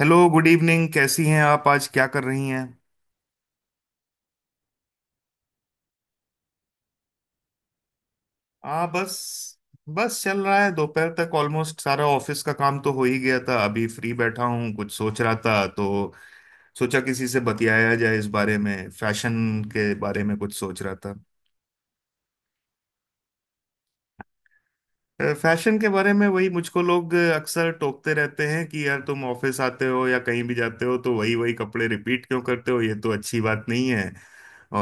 Hello, good evening. कैसी हैं आप? आज क्या कर रही हैं? हाँ, बस बस चल रहा है। दोपहर तक ऑलमोस्ट सारा ऑफिस का काम तो हो ही गया था। अभी फ्री बैठा हूँ, कुछ सोच रहा था, तो सोचा किसी से बतियाया जाए इस बारे में। फैशन के बारे में कुछ सोच रहा था। फैशन के बारे में वही, मुझको लोग अक्सर टोकते रहते हैं कि यार, तुम ऑफिस आते हो या कहीं भी जाते हो तो वही वही कपड़े रिपीट क्यों करते हो, ये तो अच्छी बात नहीं है।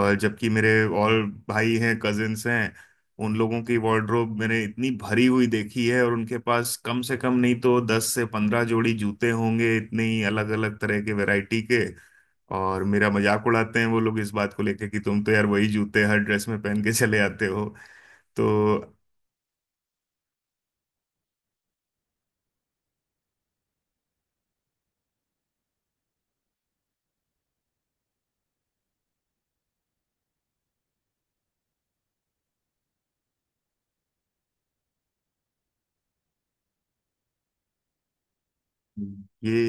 और जबकि मेरे और भाई हैं, कजिन्स हैं। उन लोगों की वार्डरोब मैंने इतनी भरी हुई देखी है और उनके पास कम से कम नहीं तो 10 से 15 जोड़ी जूते होंगे, इतनी अलग अलग तरह के वैरायटी के। और मेरा मजाक उड़ाते हैं वो लोग इस बात को लेके कि तुम तो यार वही जूते हर ड्रेस में पहन के चले आते हो। तो ये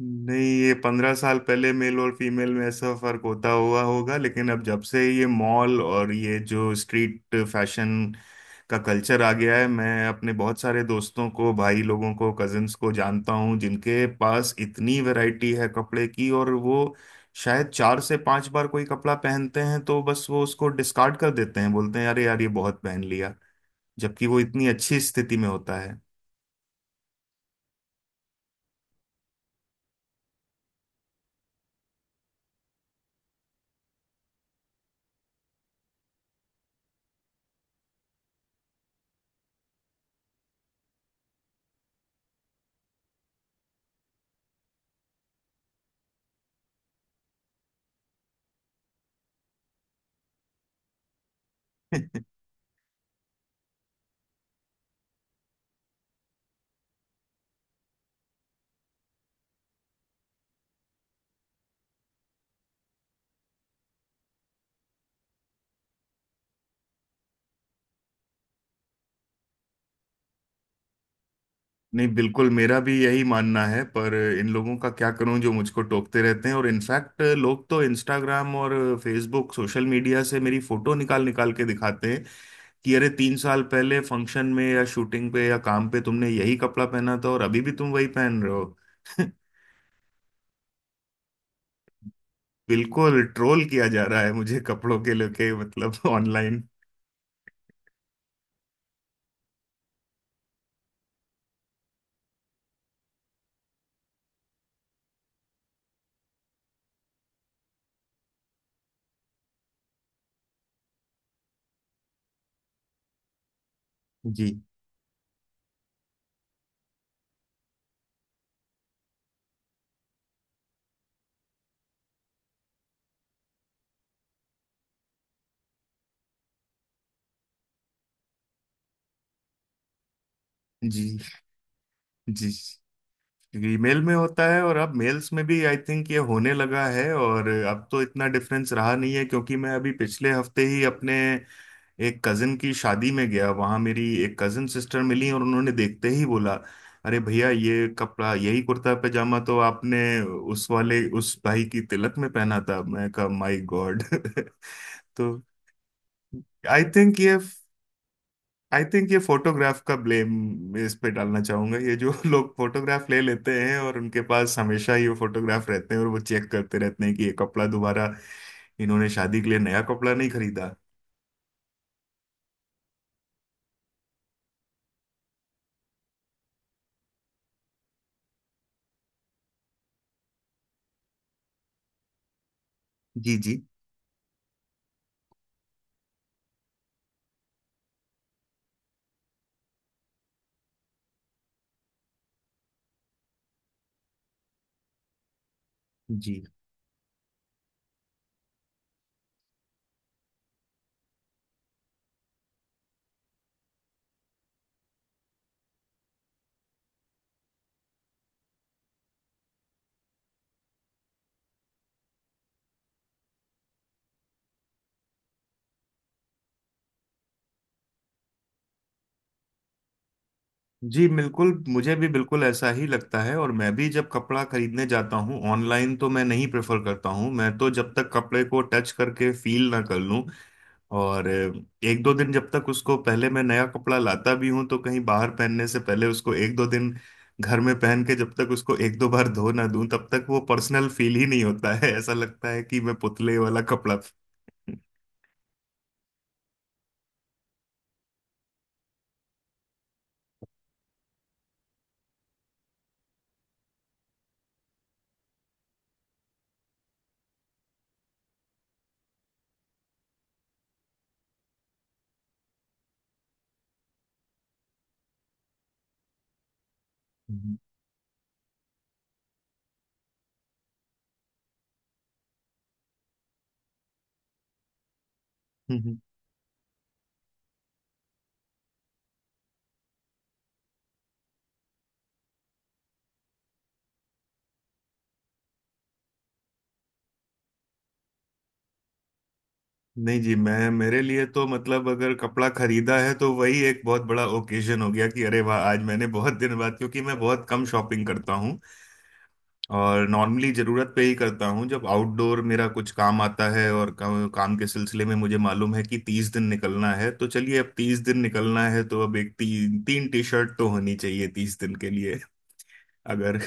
नहीं, ये 15 साल पहले मेल और फीमेल में ऐसा फर्क होता हुआ होगा, लेकिन अब जब से ये मॉल और ये जो स्ट्रीट फैशन का कल्चर आ गया है, मैं अपने बहुत सारे दोस्तों को, भाई लोगों को, कजिन्स को जानता हूँ जिनके पास इतनी वैरायटी है कपड़े की, और वो शायद 4 से 5 बार कोई कपड़ा पहनते हैं तो बस वो उसको डिस्कार्ड कर देते हैं, बोलते हैं अरे यार, ये बहुत पहन लिया। जबकि वो इतनी अच्छी स्थिति में होता है। नहीं, बिल्कुल, मेरा भी यही मानना है, पर इन लोगों का क्या करूं जो मुझको टोकते रहते हैं। और इनफैक्ट लोग तो इंस्टाग्राम और फेसबुक सोशल मीडिया से मेरी फोटो निकाल निकाल के दिखाते हैं कि अरे, 3 साल पहले फंक्शन में या शूटिंग पे या काम पे तुमने यही कपड़ा पहना था और अभी भी तुम वही पहन रहे हो। बिल्कुल ट्रोल किया जा रहा है मुझे, कपड़ों के लेके, मतलब ऑनलाइन। जी, जी, जी। ईमेल में होता है और अब मेल्स में भी आई थिंक ये होने लगा है, और अब तो इतना डिफरेंस रहा नहीं है, क्योंकि मैं अभी पिछले हफ्ते ही अपने एक कजिन की शादी में गया। वहां मेरी एक कजिन सिस्टर मिली और उन्होंने देखते ही बोला, अरे भैया, ये कपड़ा, यही कुर्ता पैजामा तो आपने उस वाले उस भाई की तिलक में पहना था। मैं कहा माय गॉड। तो आई थिंक ये फोटोग्राफ का ब्लेम इस पे डालना चाहूंगा। ये जो लोग फोटोग्राफ ले लेते हैं और उनके पास हमेशा ही वो फोटोग्राफ रहते हैं, और वो चेक करते रहते हैं कि ये कपड़ा दोबारा इन्होंने शादी के लिए नया कपड़ा नहीं खरीदा। जी, जी, जी, जी, बिल्कुल, मुझे भी बिल्कुल ऐसा ही लगता है। और मैं भी जब कपड़ा खरीदने जाता हूँ ऑनलाइन, तो मैं नहीं प्रेफर करता हूँ। मैं तो जब तक कपड़े को टच करके फील ना कर लूँ, और एक दो दिन, जब तक उसको पहले, मैं नया कपड़ा लाता भी हूं तो कहीं बाहर पहनने से पहले उसको एक दो दिन घर में पहन के जब तक उसको एक दो बार धो ना दूं, तब तक वो पर्सनल फील ही नहीं होता है। ऐसा लगता है कि मैं पुतले वाला कपड़ा। हम्म। हम्म। नहीं जी, मैं मेरे लिए तो मतलब अगर कपड़ा खरीदा है तो वही एक बहुत बड़ा ओकेजन हो गया कि अरे वाह, आज मैंने बहुत दिन बाद, क्योंकि मैं बहुत कम शॉपिंग करता हूँ और नॉर्मली जरूरत पे ही करता हूँ, जब आउटडोर मेरा कुछ काम आता है। और काम के सिलसिले में मुझे मालूम है कि 30 दिन निकलना है, तो चलिए, अब 30 दिन निकलना है तो अब 3 टी शर्ट तो होनी चाहिए 30 दिन के लिए। अगर,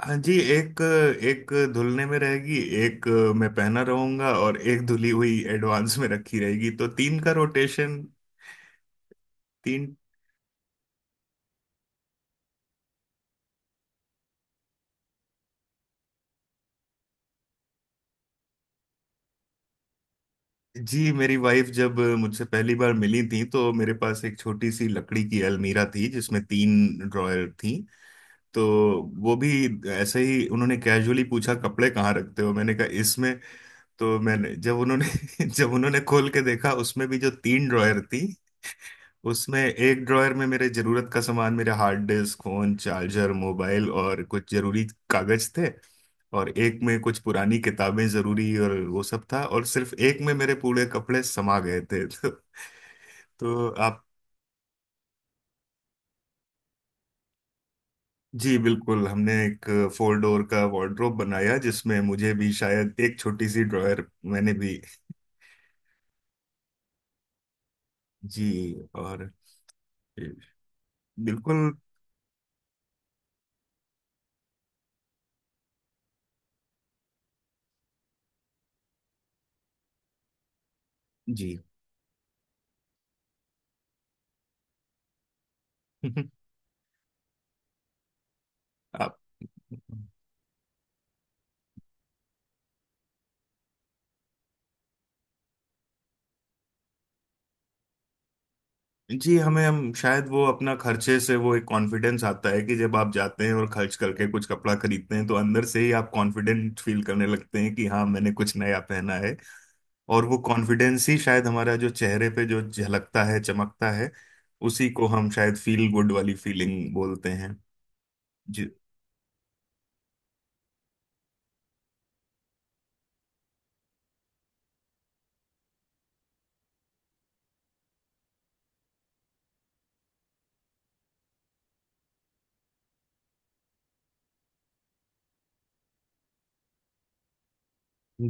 हाँ जी, एक एक धुलने में रहेगी, एक मैं पहना रहूंगा और एक धुली हुई एडवांस में रखी रहेगी, तो 3 का रोटेशन। तीन। जी, मेरी वाइफ जब मुझसे पहली बार मिली थी, तो मेरे पास एक छोटी सी लकड़ी की अलमीरा थी जिसमें 3 ड्रॉयर थी। तो वो भी, ऐसे ही उन्होंने कैजुअली पूछा कपड़े कहाँ रखते हो, मैंने कहा इसमें। तो मैंने, जब उन्होंने जब उन्होंने खोल के देखा, उसमें भी जो 3 ड्रॉयर थी, उसमें एक ड्रॉयर में मेरे जरूरत का सामान, मेरे hard disk, phone charger, mobile और कुछ जरूरी कागज थे। और एक में कुछ पुरानी किताबें, जरूरी और वो सब था। और सिर्फ एक में मेरे पूरे कपड़े समा गए थे। तो आप, जी बिल्कुल, हमने एक 4 डोर का वार्डरोब बनाया जिसमें मुझे भी शायद एक छोटी सी ड्रॉयर, मैंने भी। जी। और बिल्कुल। जी। आप, जी, हमें, हम शायद वो अपना खर्चे से वो एक कॉन्फिडेंस आता है कि जब आप जाते हैं और खर्च करके कुछ कपड़ा खरीदते हैं तो अंदर से ही आप कॉन्फिडेंट फील करने लगते हैं कि हाँ, मैंने कुछ नया पहना है। और वो कॉन्फिडेंस ही शायद हमारा जो चेहरे पे जो झलकता है, चमकता है, उसी को हम शायद फील गुड वाली फीलिंग बोलते हैं। जी।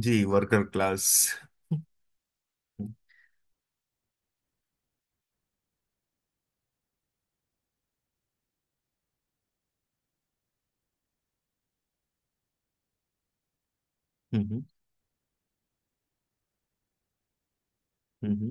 जी, वर्कर क्लास। हम्म, हम्म, हम्म,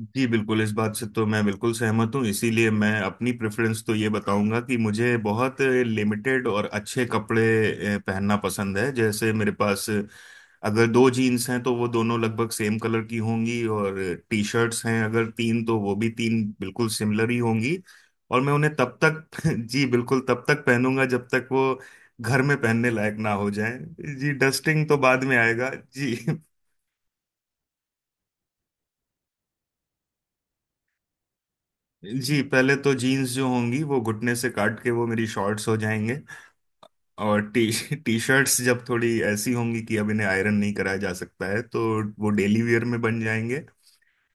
जी बिल्कुल, इस बात से तो मैं बिल्कुल सहमत हूँ। इसीलिए मैं अपनी प्रेफरेंस तो ये बताऊंगा कि मुझे बहुत लिमिटेड और अच्छे कपड़े पहनना पसंद है। जैसे, मेरे पास अगर 2 जीन्स हैं तो वो दोनों लगभग सेम कलर की होंगी, और टी शर्ट्स हैं अगर तीन, तो वो भी तीन बिल्कुल सिमिलर ही होंगी। और मैं उन्हें तब तक जी बिल्कुल, तब तक पहनूंगा जब तक वो घर में पहनने लायक ना हो जाए। जी, डस्टिंग तो बाद में आएगा जी। जी, पहले तो जीन्स जो होंगी, वो घुटने से काट के वो मेरी शॉर्ट्स हो जाएंगे। और टी टी शर्ट्स जब थोड़ी ऐसी होंगी कि अब इन्हें आयरन नहीं कराया जा सकता है, तो वो डेली वेयर में बन जाएंगे।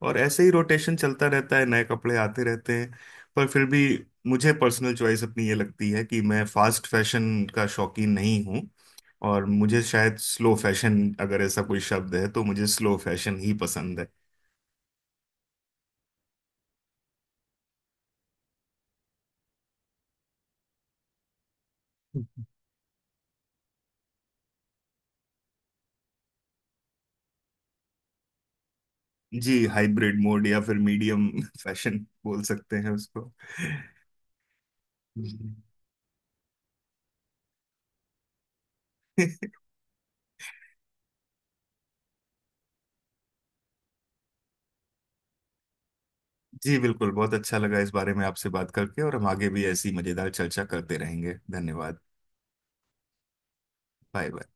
और ऐसे ही रोटेशन चलता रहता है, नए कपड़े आते रहते हैं। पर फिर भी, मुझे पर्सनल चॉइस अपनी ये लगती है कि मैं फास्ट फैशन का शौकीन नहीं हूँ। और मुझे शायद स्लो फैशन, अगर ऐसा कोई शब्द है, तो मुझे स्लो फैशन ही पसंद है। जी, हाइब्रिड मोड या फिर मीडियम फैशन बोल सकते हैं उसको। जी, जी, बिल्कुल, बहुत अच्छा लगा इस बारे में आपसे बात करके, और हम आगे भी ऐसी मजेदार चर्चा करते रहेंगे। धन्यवाद। Bye bye.